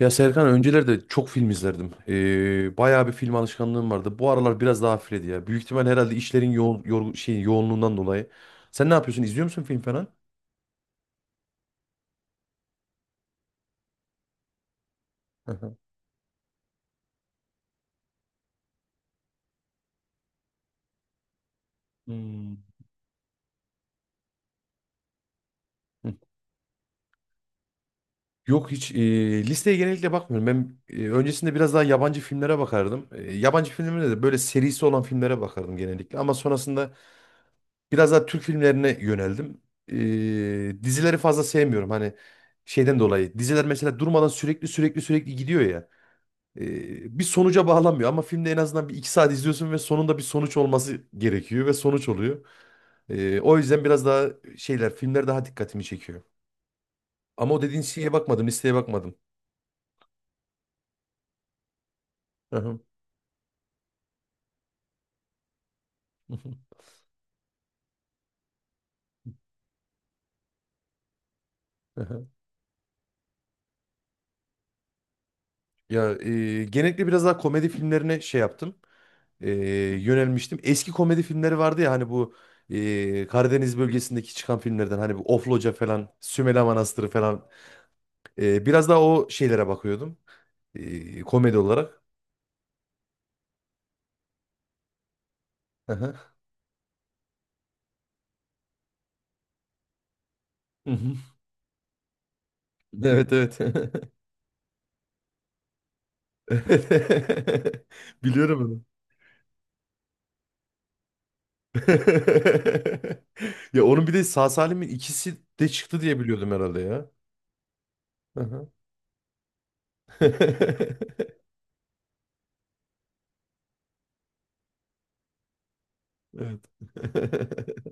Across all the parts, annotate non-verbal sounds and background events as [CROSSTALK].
Ya Serkan öncelerde çok film izlerdim. Bayağı bir film alışkanlığım vardı. Bu aralar biraz daha hafifledi ya. Büyük ihtimal herhalde işlerin yoğun, yorgun, yoğunluğundan dolayı. Sen ne yapıyorsun? İzliyor musun film falan? Hı hı. Hmm. Hı. Yok hiç listeye genellikle bakmıyorum. Ben öncesinde biraz daha yabancı filmlere bakardım. Yabancı filmlere de böyle serisi olan filmlere bakardım genellikle. Ama sonrasında biraz daha Türk filmlerine yöneldim. Dizileri fazla sevmiyorum. Hani şeyden dolayı. Diziler mesela durmadan sürekli sürekli sürekli gidiyor ya. Bir sonuca bağlanmıyor ama filmde en azından bir iki saat izliyorsun ve sonunda bir sonuç olması gerekiyor ve sonuç oluyor. O yüzden biraz daha şeyler filmler daha dikkatimi çekiyor. Ama o dediğin şeye bakmadım, listeye bakmadım. Aha, [LAUGHS] aha. Aha. Ya genellikle biraz daha komedi filmlerine şey yaptım. E, Yönelmiştim. Eski komedi filmleri vardı ya hani bu Karadeniz bölgesindeki çıkan filmlerden hani bu Ofloca falan, Sümela Manastırı falan. Biraz daha o şeylere bakıyordum. Komedi olarak. Aha. [LAUGHS] Evet evet. [LAUGHS] Biliyorum onu. [LAUGHS] Ya onun bir de sağ salimin ikisi de çıktı diye biliyordum herhalde ya. Hı hı. [LAUGHS] Evet. [LAUGHS]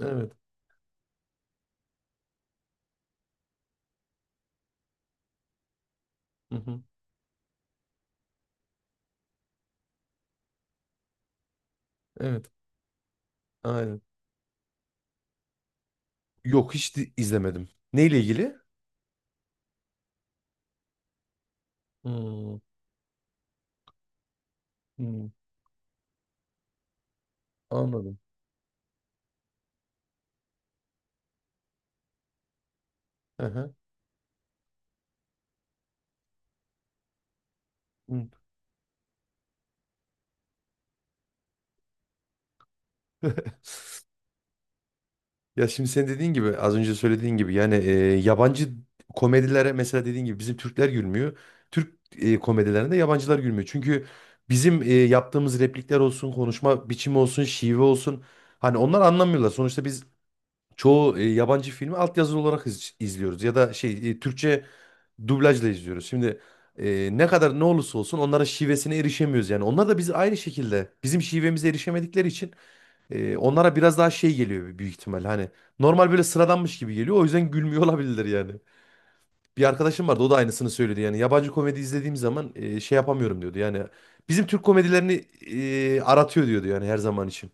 Evet. Hı hı. Evet. Aynen. Yok hiç izlemedim. Neyle ilgili? Hmm. Hmm. Anladım. Hı hı. Hı. [LAUGHS] Ya şimdi sen dediğin gibi az önce söylediğin gibi yani yabancı komedilere mesela dediğin gibi bizim Türkler gülmüyor. Türk komedilerinde yabancılar gülmüyor. Çünkü bizim yaptığımız replikler olsun, konuşma biçimi olsun, şive olsun hani onlar anlamıyorlar. Sonuçta biz çoğu yabancı filmi altyazılı olarak izliyoruz ya da şey Türkçe dublajla izliyoruz. Şimdi ne kadar ne olursa olsun onlara şivesine erişemiyoruz yani. Onlar da biz aynı şekilde bizim şivemize erişemedikleri için onlara biraz daha şey geliyor büyük ihtimal. Hani normal böyle sıradanmış gibi geliyor. O yüzden gülmüyor [LAUGHS] olabilirler yani. Bir arkadaşım vardı o da aynısını söyledi. Yani yabancı komedi izlediğim zaman şey yapamıyorum diyordu. Yani bizim Türk komedilerini aratıyor diyordu yani her zaman için.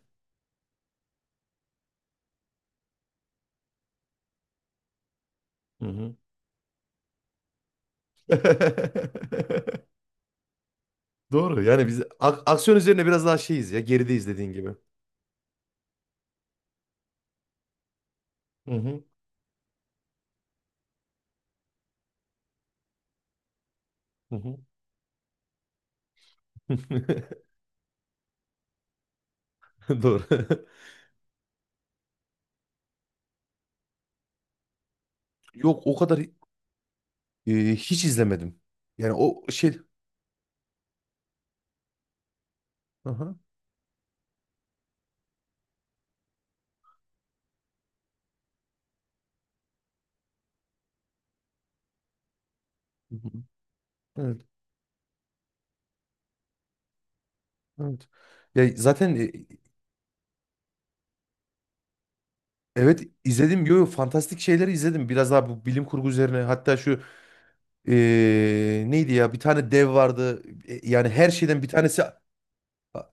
Hı hı. [LAUGHS] Doğru yani biz aksiyon üzerine biraz daha şeyiz ya gerideyiz dediğin gibi. Hı hı. Hı hı. [LAUGHS] Doğru. [LAUGHS] Yok o kadar hiç izlemedim. Yani o şey. Aha. Hı hı. Evet. Evet. Ya zaten evet izledim. Yo, yo, fantastik şeyleri izledim. Biraz daha bu bilim kurgu üzerine. Hatta şu neydi ya bir tane dev vardı. Yani her şeyden bir tanesi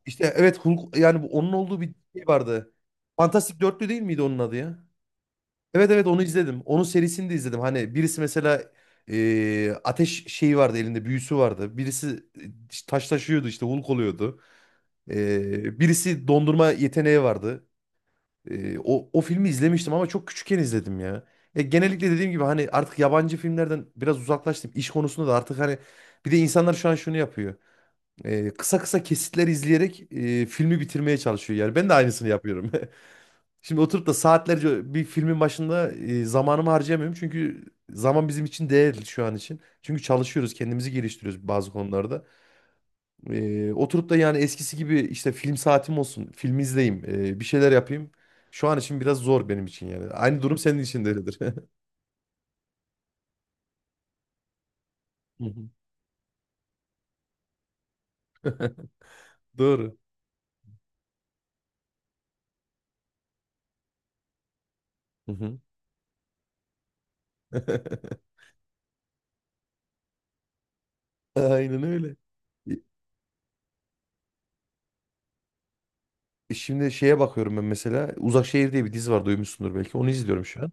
işte evet Hulk yani onun olduğu bir şey vardı. Fantastik Dörtlü değil miydi onun adı ya? Evet evet onu izledim. Onun serisini de izledim. Hani birisi mesela ateş şeyi vardı elinde büyüsü vardı. Birisi taş taşıyordu işte Hulk oluyordu. Birisi dondurma yeteneği vardı. O filmi izlemiştim ama çok küçükken izledim ya. Ya genellikle dediğim gibi hani artık yabancı filmlerden biraz uzaklaştım. İş konusunda da artık hani bir de insanlar şu an şunu yapıyor. Kısa kısa kesitler izleyerek filmi bitirmeye çalışıyor. Yani ben de aynısını yapıyorum. [LAUGHS] Şimdi oturup da saatlerce bir filmin başında zamanımı harcayamıyorum. Çünkü zaman bizim için değerli şu an için. Çünkü çalışıyoruz, kendimizi geliştiriyoruz bazı konularda. Oturup da yani eskisi gibi işte film saatim olsun, film izleyeyim, bir şeyler yapayım. Şu an için biraz zor benim için yani. Aynı durum senin için de öyledir. [LAUGHS] Hı hı. Doğru. Hı hı. [LAUGHS] Aynen öyle. E, Şimdi şeye bakıyorum ben mesela. Uzak Şehir diye bir dizi var duymuşsundur belki. Onu izliyorum şu an.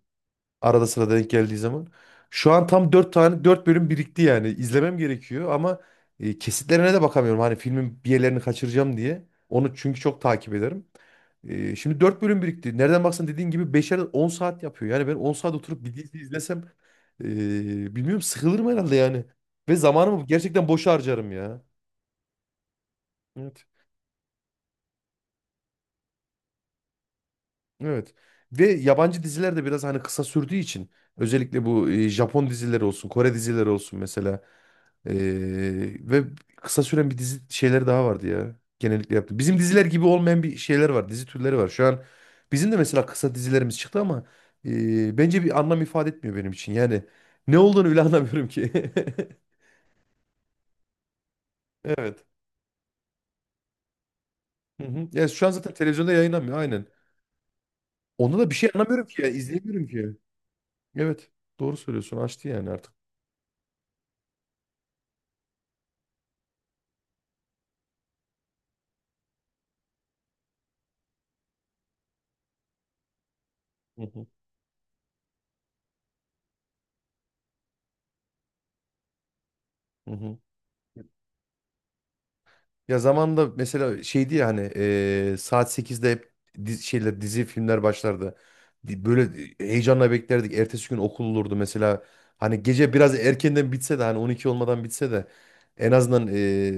Arada sırada denk geldiği zaman. Şu an tam 4 tane 4 bölüm birikti yani. İzlemem gerekiyor ama kesitlerine de bakamıyorum. Hani filmin bir yerlerini kaçıracağım diye. Onu çünkü çok takip ederim. Şimdi 4 bölüm birikti. Nereden baksan dediğin gibi 5'er 10 saat yapıyor. Yani ben 10 saat oturup bir dizi izlesem e, bilmiyorum sıkılırım herhalde yani. Ve zamanımı gerçekten boşa harcarım ya. Evet. Evet. Ve yabancı diziler de biraz hani kısa sürdüğü için özellikle bu Japon dizileri olsun, Kore dizileri olsun mesela. Ve kısa süren bir dizi şeyleri daha vardı ya. Genellikle yaptı. Bizim diziler gibi olmayan bir şeyler var. Dizi türleri var. Şu an bizim de mesela kısa dizilerimiz çıktı ama bence bir anlam ifade etmiyor benim için. Yani ne olduğunu bile [LAUGHS] anlamıyorum ki. [LAUGHS] Evet. Hı hı. Ya şu an zaten televizyonda yayınlanmıyor. Aynen. Onda da bir şey anlamıyorum ki ya. İzleyemiyorum ki. Evet. Doğru söylüyorsun. Açtı yani artık. Hı hı. Hı hı. Ya zamanında mesela şeydi ya hani saat 8'de hep dizi, şeyler, dizi filmler başlardı. Böyle heyecanla beklerdik. Ertesi gün okul olurdu mesela. Hani gece biraz erkenden bitse de hani 12 olmadan bitse de en azından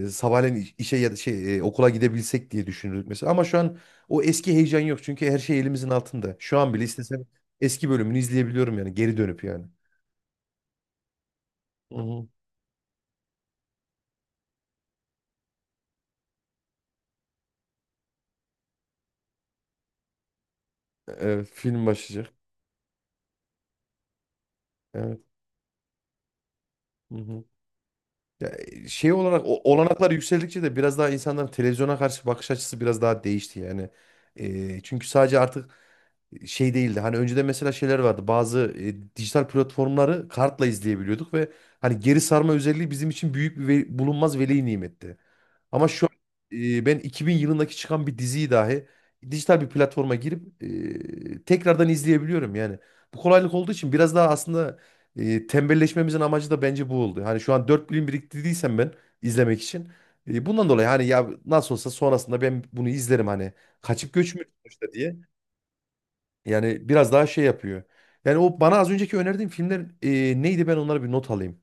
sabahleyin işe ya da şey okula gidebilsek diye düşünürdük mesela. Ama şu an o eski heyecan yok çünkü her şey elimizin altında. Şu an bile istesem eski bölümünü izleyebiliyorum yani geri dönüp yani. Hı hı. Evet, film başlayacak. Evet. Hı hı. Ya şey olarak olanaklar yükseldikçe de biraz daha insanların televizyona karşı bakış açısı biraz daha değişti yani. Çünkü sadece artık şey değildi. Hani önceden mesela şeyler vardı. Bazı dijital platformları kartla izleyebiliyorduk ve hani geri sarma özelliği bizim için büyük bir bulunmaz veli nimetti. Ama şu an ben 2000 yılındaki çıkan bir diziyi dahi dijital bir platforma girip tekrardan izleyebiliyorum yani. Bu kolaylık olduğu için biraz daha aslında tembelleşmemizin amacı da bence bu oldu. Hani şu an 4 bölüm biriktirdiysem ben izlemek için. Bundan dolayı hani ya nasıl olsa sonrasında ben bunu izlerim hani. Kaçıp göçmüyor sonuçta diye. Yani biraz daha şey yapıyor. Yani o bana az önceki önerdiğim filmler neydi ben onlara bir not alayım.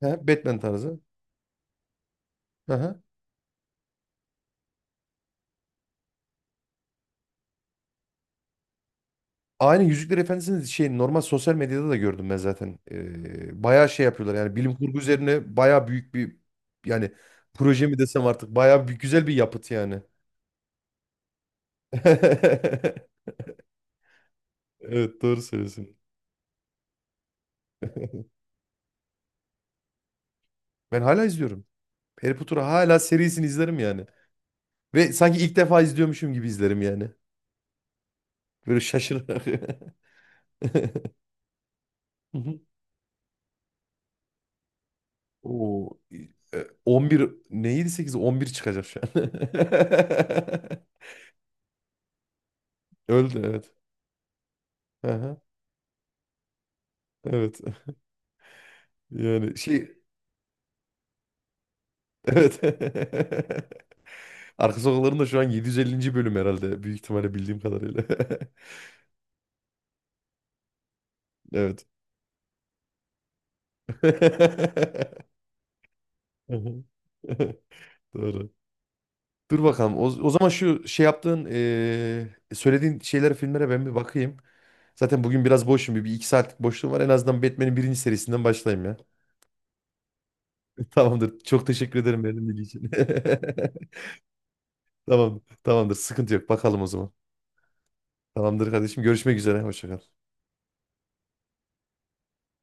He, Batman tarzı. Aha. Aynen Yüzükler Efendisi'nin şey normal sosyal medyada da gördüm ben zaten. Bayağı şey yapıyorlar yani bilim kurgu üzerine bayağı büyük bir yani proje mi desem artık bayağı bir güzel bir yapıt yani. [LAUGHS] Evet doğru söylüyorsun. Ben hala izliyorum. Harry Potter'ı hala serisini izlerim yani. Ve sanki ilk defa izliyormuşum gibi izlerim yani. Böyle şaşırarak. [LAUGHS] Hı hı. Oo, 11 neydi 8 11 çıkacak şu an. [LAUGHS] Öldü evet. Aha, evet. Yani şey evet. [LAUGHS] Arka sokakların da şu an 750. bölüm herhalde büyük ihtimalle bildiğim kadarıyla. [LAUGHS] Evet. [LAUGHS] Hı hı. [LAUGHS] Doğru. Dur bakalım. O zaman şu şey yaptığın, söylediğin şeylere, filmlere ben bir bakayım. Zaten bugün biraz boşum. Bir iki saatlik boşluğum var. En azından Batman'in birinci serisinden başlayayım ya. [LAUGHS] Tamamdır. Çok teşekkür ederim benim bilgi için. [LAUGHS] Tamam, tamamdır. Sıkıntı yok. Bakalım o zaman. Tamamdır kardeşim. Görüşmek üzere. Hoşça kal.